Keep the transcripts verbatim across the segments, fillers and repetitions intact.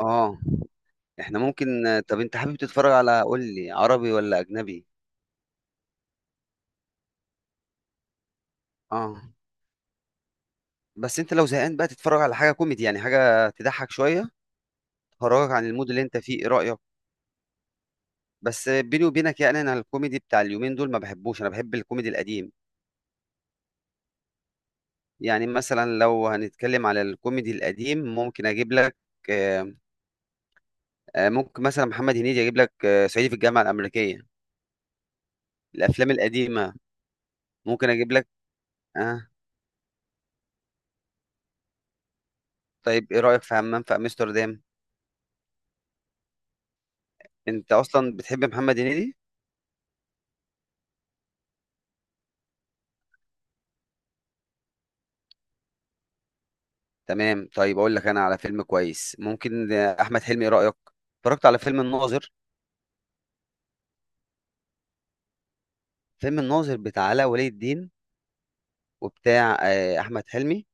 اه. احنا ممكن طب انت حابب تتفرج على، قول لي، عربي ولا اجنبي؟ اه، بس انت لو زهقان بقى تتفرج على حاجه كوميدي، يعني حاجه تضحك شويه تخرجك عن المود اللي انت فيه، ايه رايك؟ بس بيني وبينك يعني انا الكوميدي بتاع اليومين دول ما بحبوش، انا بحب الكوميدي القديم. يعني مثلا لو هنتكلم على الكوميدي القديم ممكن اجيب لك آه، آه، ممكن مثلا محمد هنيدي، اجيب لك آه، صعيدي في الجامعه الامريكيه، الافلام القديمه. ممكن اجيب لك اه. طيب ايه رايك في همام في امستردام؟ انت اصلا بتحب محمد هنيدي؟ تمام، طيب اقول لك انا على فيلم كويس ممكن، آه، احمد حلمي، ايه رايك؟ اتفرجت على فيلم الناظر؟ فيلم الناظر بتاع علاء ولي الدين، وبتاع آه، احمد حلمي،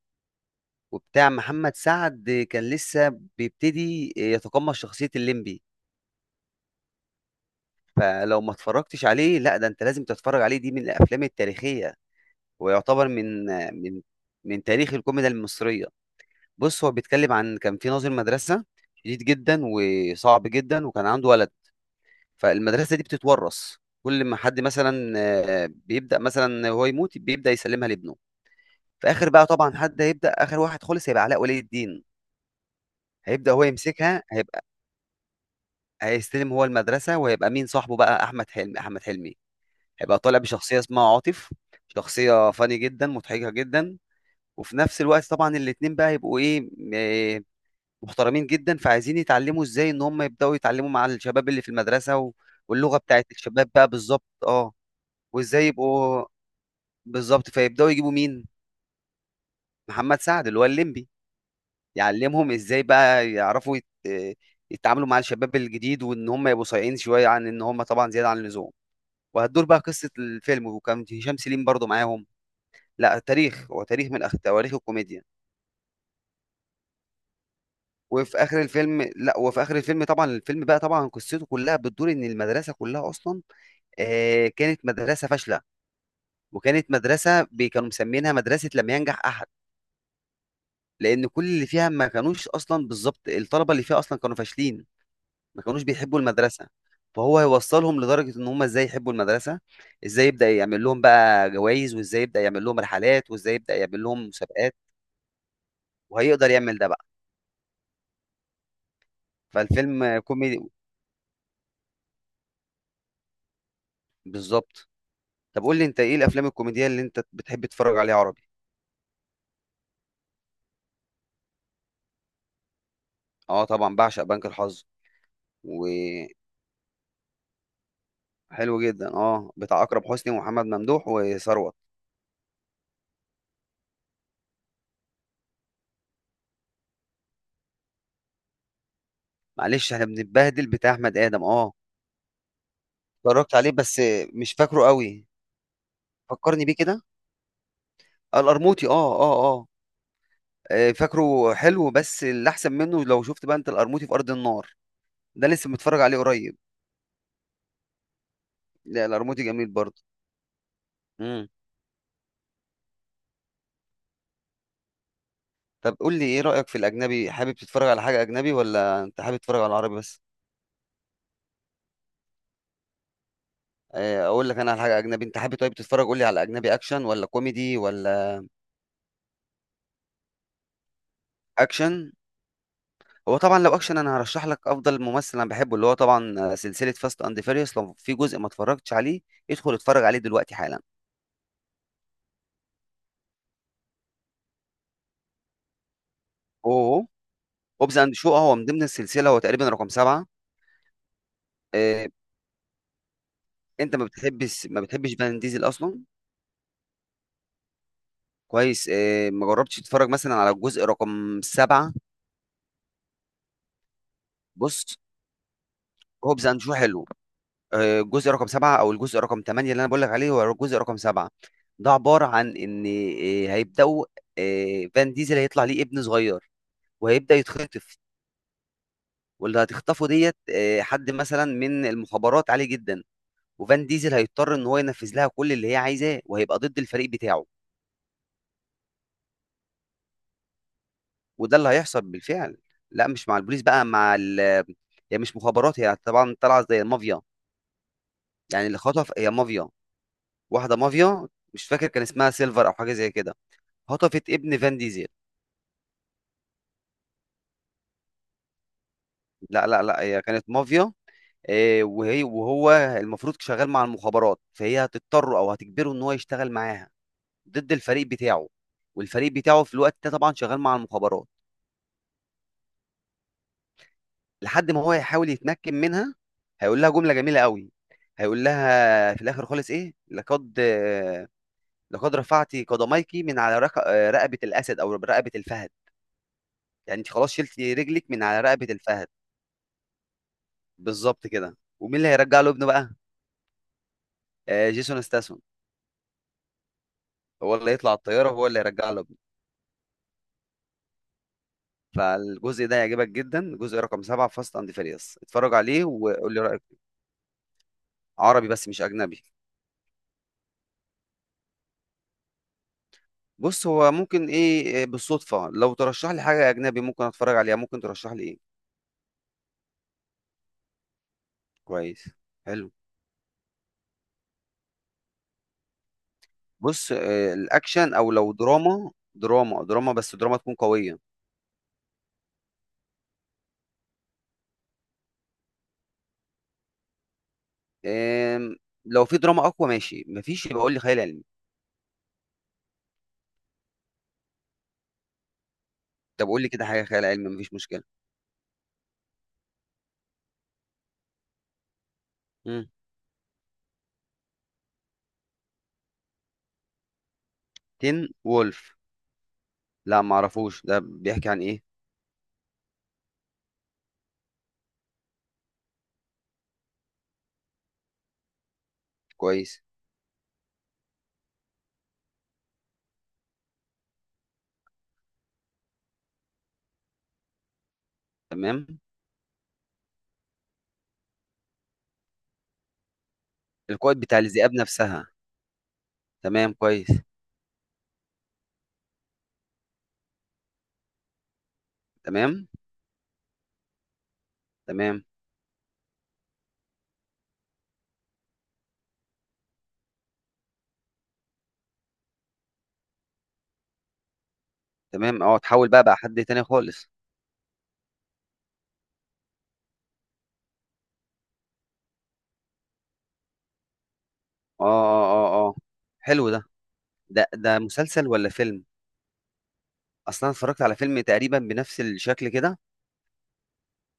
وبتاع محمد سعد. آه، كان لسه بيبتدي آه، يتقمص شخصيه الليمبي. فلو ما اتفرجتش عليه لا، ده انت لازم تتفرج عليه، دي من الافلام التاريخيه ويعتبر من آه، من من تاريخ الكوميديا المصريه. بص، هو بيتكلم عن كان في ناظر مدرسه شديد جدا وصعب جدا وكان عنده ولد، فالمدرسه دي بتتورث. كل ما حد مثلا آه، بيبدا مثلا هو يموت بيبدا يسلمها لابنه. في اخر بقى طبعا حد هيبدا، اخر واحد خالص هيبقى علاء ولي الدين، هيبدا هو يمسكها، هيبقى هيستلم هو المدرسه، وهيبقى مين صاحبه بقى؟ احمد حلمي. احمد حلمي هيبقى طالع بشخصيه اسمها عاطف، شخصيه فاني جدا مضحكه جدا. وفي نفس الوقت طبعا الاتنين بقى هيبقوا ايه، م- آه، محترمين جدا، فعايزين يتعلموا ازاي ان هم يبداوا يتعلموا مع الشباب اللي في المدرسه و- واللغه بتاعت الشباب بقى بالظبط، اه، وازاي يبقوا بالظبط. فيبداوا يجيبوا مين؟ محمد سعد اللي هو الليمبي، يعلمهم ازاي بقى يعرفوا يت... يتعاملوا مع الشباب الجديد، وان هم يبقوا صايعين شويه عن ان هم طبعا زياده عن اللزوم. وهتدور بقى قصه الفيلم، وكان هشام سليم برضو معاهم. لا، تاريخ، هو تاريخ من أخ... تواريخ الكوميديا. وفي اخر الفيلم، لا، وفي اخر الفيلم طبعا الفيلم بقى طبعا قصته كلها بتدور ان المدرسه كلها اصلا، آه كانت مدرسه فاشله، وكانت مدرسه بي- كانوا مسمينها مدرسه لم ينجح احد، لان كل اللي فيها ما كانوش اصلا، بالظبط، الطلبه اللي فيها اصلا كانوا فاشلين، ما كانوش بيحبوا المدرسه. فهو هيوصلهم لدرجه ان هم ازاي يحبوا المدرسه، ازاي يبدا يعمل لهم بقى جوائز، وازاي يبدا يعمل لهم رحلات، وازاي يبدا يعمل لهم مسابقات، وهيقدر يعمل ده بقى. فالفيلم كوميدي. بالظبط. طب قول لي انت ايه الافلام الكوميديه اللي انت بتحب تتفرج عليها عربي؟ اه طبعا بعشق بنك الحظ، وحلو جدا، اه، بتاع اكرم حسني ومحمد ممدوح وثروت. معلش احنا بنتبهدل بتاع احمد ادم، اه اتفرجت عليه بس مش فاكره قوي، فكرني بيه كده. القرموطي، اه اه اه، آه، فاكره، حلو، بس اللي احسن منه لو شفت بقى انت القرموطي في ارض النار، ده لسه متفرج عليه قريب. لا، القرموطي جميل برضه. امم. طب قول لي ايه رايك في الاجنبي، حابب تتفرج على حاجه اجنبي ولا انت حابب تتفرج على العربي بس؟ آه، اقول لك انا على حاجه اجنبي، انت حابب طيب تتفرج، قول لي، على اجنبي اكشن ولا كوميدي ولا؟ اكشن. هو طبعا لو اكشن انا هرشح لك افضل ممثل انا بحبه، اللي هو طبعا آه، سلسله فاست اند فيريوس. لو في جزء ما اتفرجتش عليه، ادخل اتفرج عليه دلوقتي حالا. اوه، هوبز اند شو هو من ضمن السلسله، هو تقريبا رقم سبعه. آه، انت ما بتحبش ما بتحبش فان ديزل اصلا؟ كويس. آه، ما جربتش تتفرج مثلا على الجزء رقم سبعه؟ بص، هوبز اند شو حلو، آه، الجزء رقم سبعه او الجزء رقم ثمانيه اللي انا بقول لك عليه هو الجزء رقم سبعه. ده عباره عن ان آه، هيبداوا، آه، فان ديزل هيطلع ليه ابن صغير وهيبدا يتخطف. واللي هتخطفه ديت آه، حد مثلا من المخابرات عالي جدا، وفان ديزل هيضطر ان هو ينفذ لها كل اللي هي عايزاه، وهيبقى ضد الفريق بتاعه، وده اللي هيحصل بالفعل. لا مش مع البوليس بقى، مع ال، هي مش مخابرات، هي طبعا طالعه زي المافيا، يعني اللي خطف هي مافيا، واحده مافيا، مش فاكر كان اسمها سيلفر او حاجه زي كده، خطفت ابن فان ديزل. لا لا لا، هي كانت مافيا. آه، وهي، وهو المفروض شغال مع المخابرات، فهي هتضطره او هتجبره ان هو يشتغل معاها ضد الفريق بتاعه. والفريق بتاعه في الوقت ده طبعا شغال مع المخابرات، لحد ما هو يحاول يتمكن منها. هيقول لها جملة جميلة قوي، هيقول لها في الآخر خالص إيه، لقد لقد رفعت قدميك من على رق... رقبة الأسد أو رقبة الفهد، يعني أنت خلاص شلتي رجلك من على رقبة الفهد. بالظبط كده. ومين اللي هيرجع له ابنه بقى؟ آه، جيسون ستاثام، هو اللي هيطلع الطيارة وهو اللي هيرجع له ابنه. فالجزء ده هيعجبك جدا، جزء رقم سبعة فاست أند فيريوس، اتفرج عليه وقول لي رأيك. عربي بس مش أجنبي. بص، هو ممكن ايه، إيه، بالصدفة، لو ترشح لي حاجة أجنبي ممكن أتفرج عليها. ممكن ترشح لي ايه؟ كويس. حلو. بص، آه، الأكشن، أو لو دراما، دراما دراما بس دراما تكون قوية. آم، لو في دراما أقوى ماشي، مفيش يبقى قول لي خيال علمي. طب قول لي كده حاجة خيال علمي، مفيش مشكلة. مم. تين وولف؟ لا معرفوش، ده بيحكي عن ايه؟ كويس. تمام. القائد بتاع الذئاب نفسها. تمام، كويس. تمام. تمام. تمام، اه، تحول بقى، بقى حد تاني خالص. اه اه. اه اه. حلو ده. ده ده مسلسل ولا فيلم؟ اصلا اتفرجت على فيلم تقريبا بنفس الشكل كده،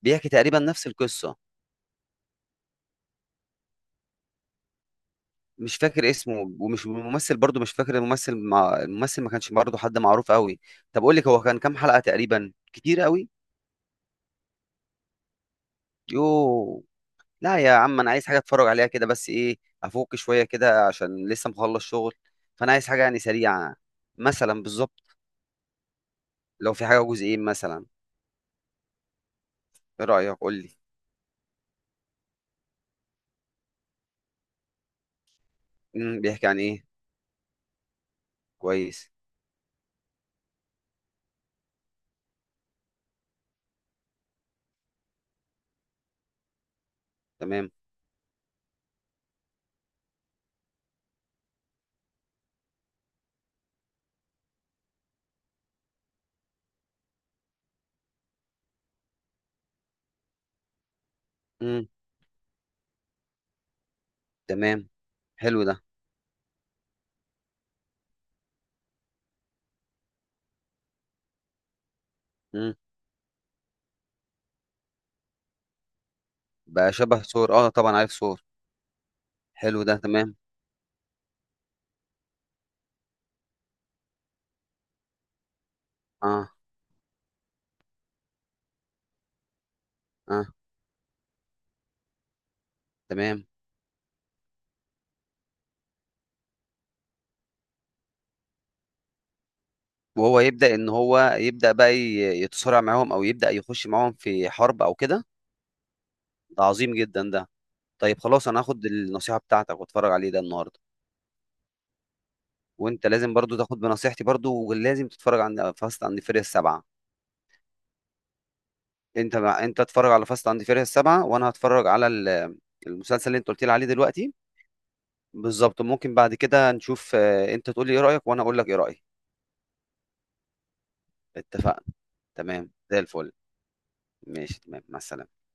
بيحكي تقريبا نفس القصه. مش فاكر اسمه، ومش الممثل برضو، مش فاكر الممثل، مع الممثل ما كانش برضو حد معروف قوي. طب قول لك، هو كان كام حلقه تقريبا؟ كتير قوي! يوه. لا يا عم انا عايز حاجه اتفرج عليها كده بس، ايه، افك شويه كده عشان لسه مخلص شغل. فانا عايز حاجه يعني سريعه، مثلا بالظبط. لو في حاجه جزئين مثلا، ايه رايك، قول لي. امم، بيحكي عن ايه؟ كويس. تمام. امم. تمام. حلو ده. مم. بقى شبه ثور، اه طبعا عارف ثور. حلو ده تمام. اه اه. تمام. وهو يبدأ ان هو يبدأ بقى ي- يتصارع معاهم، او يبدأ يخش معاهم في حرب او كده. ده عظيم جدا ده. طيب خلاص انا هاخد النصيحة بتاعتك واتفرج عليه ده النهارده. وانت لازم برضو تاخد بنصيحتي برضو، ولازم تتفرج على فاست عند فيري السبعة. انت مع... انت اتفرج على فاست عند فيري السبعة، وانا هتفرج على ال- المسلسل اللي انت قلت لي عليه دلوقتي. بالظبط. ممكن بعد كده نشوف، آه، انت تقول لي ايه رأيك وانا اقول لك ايه رأيي. اتفقنا. تمام زي الفل. ماشي، تمام، مع السلامة.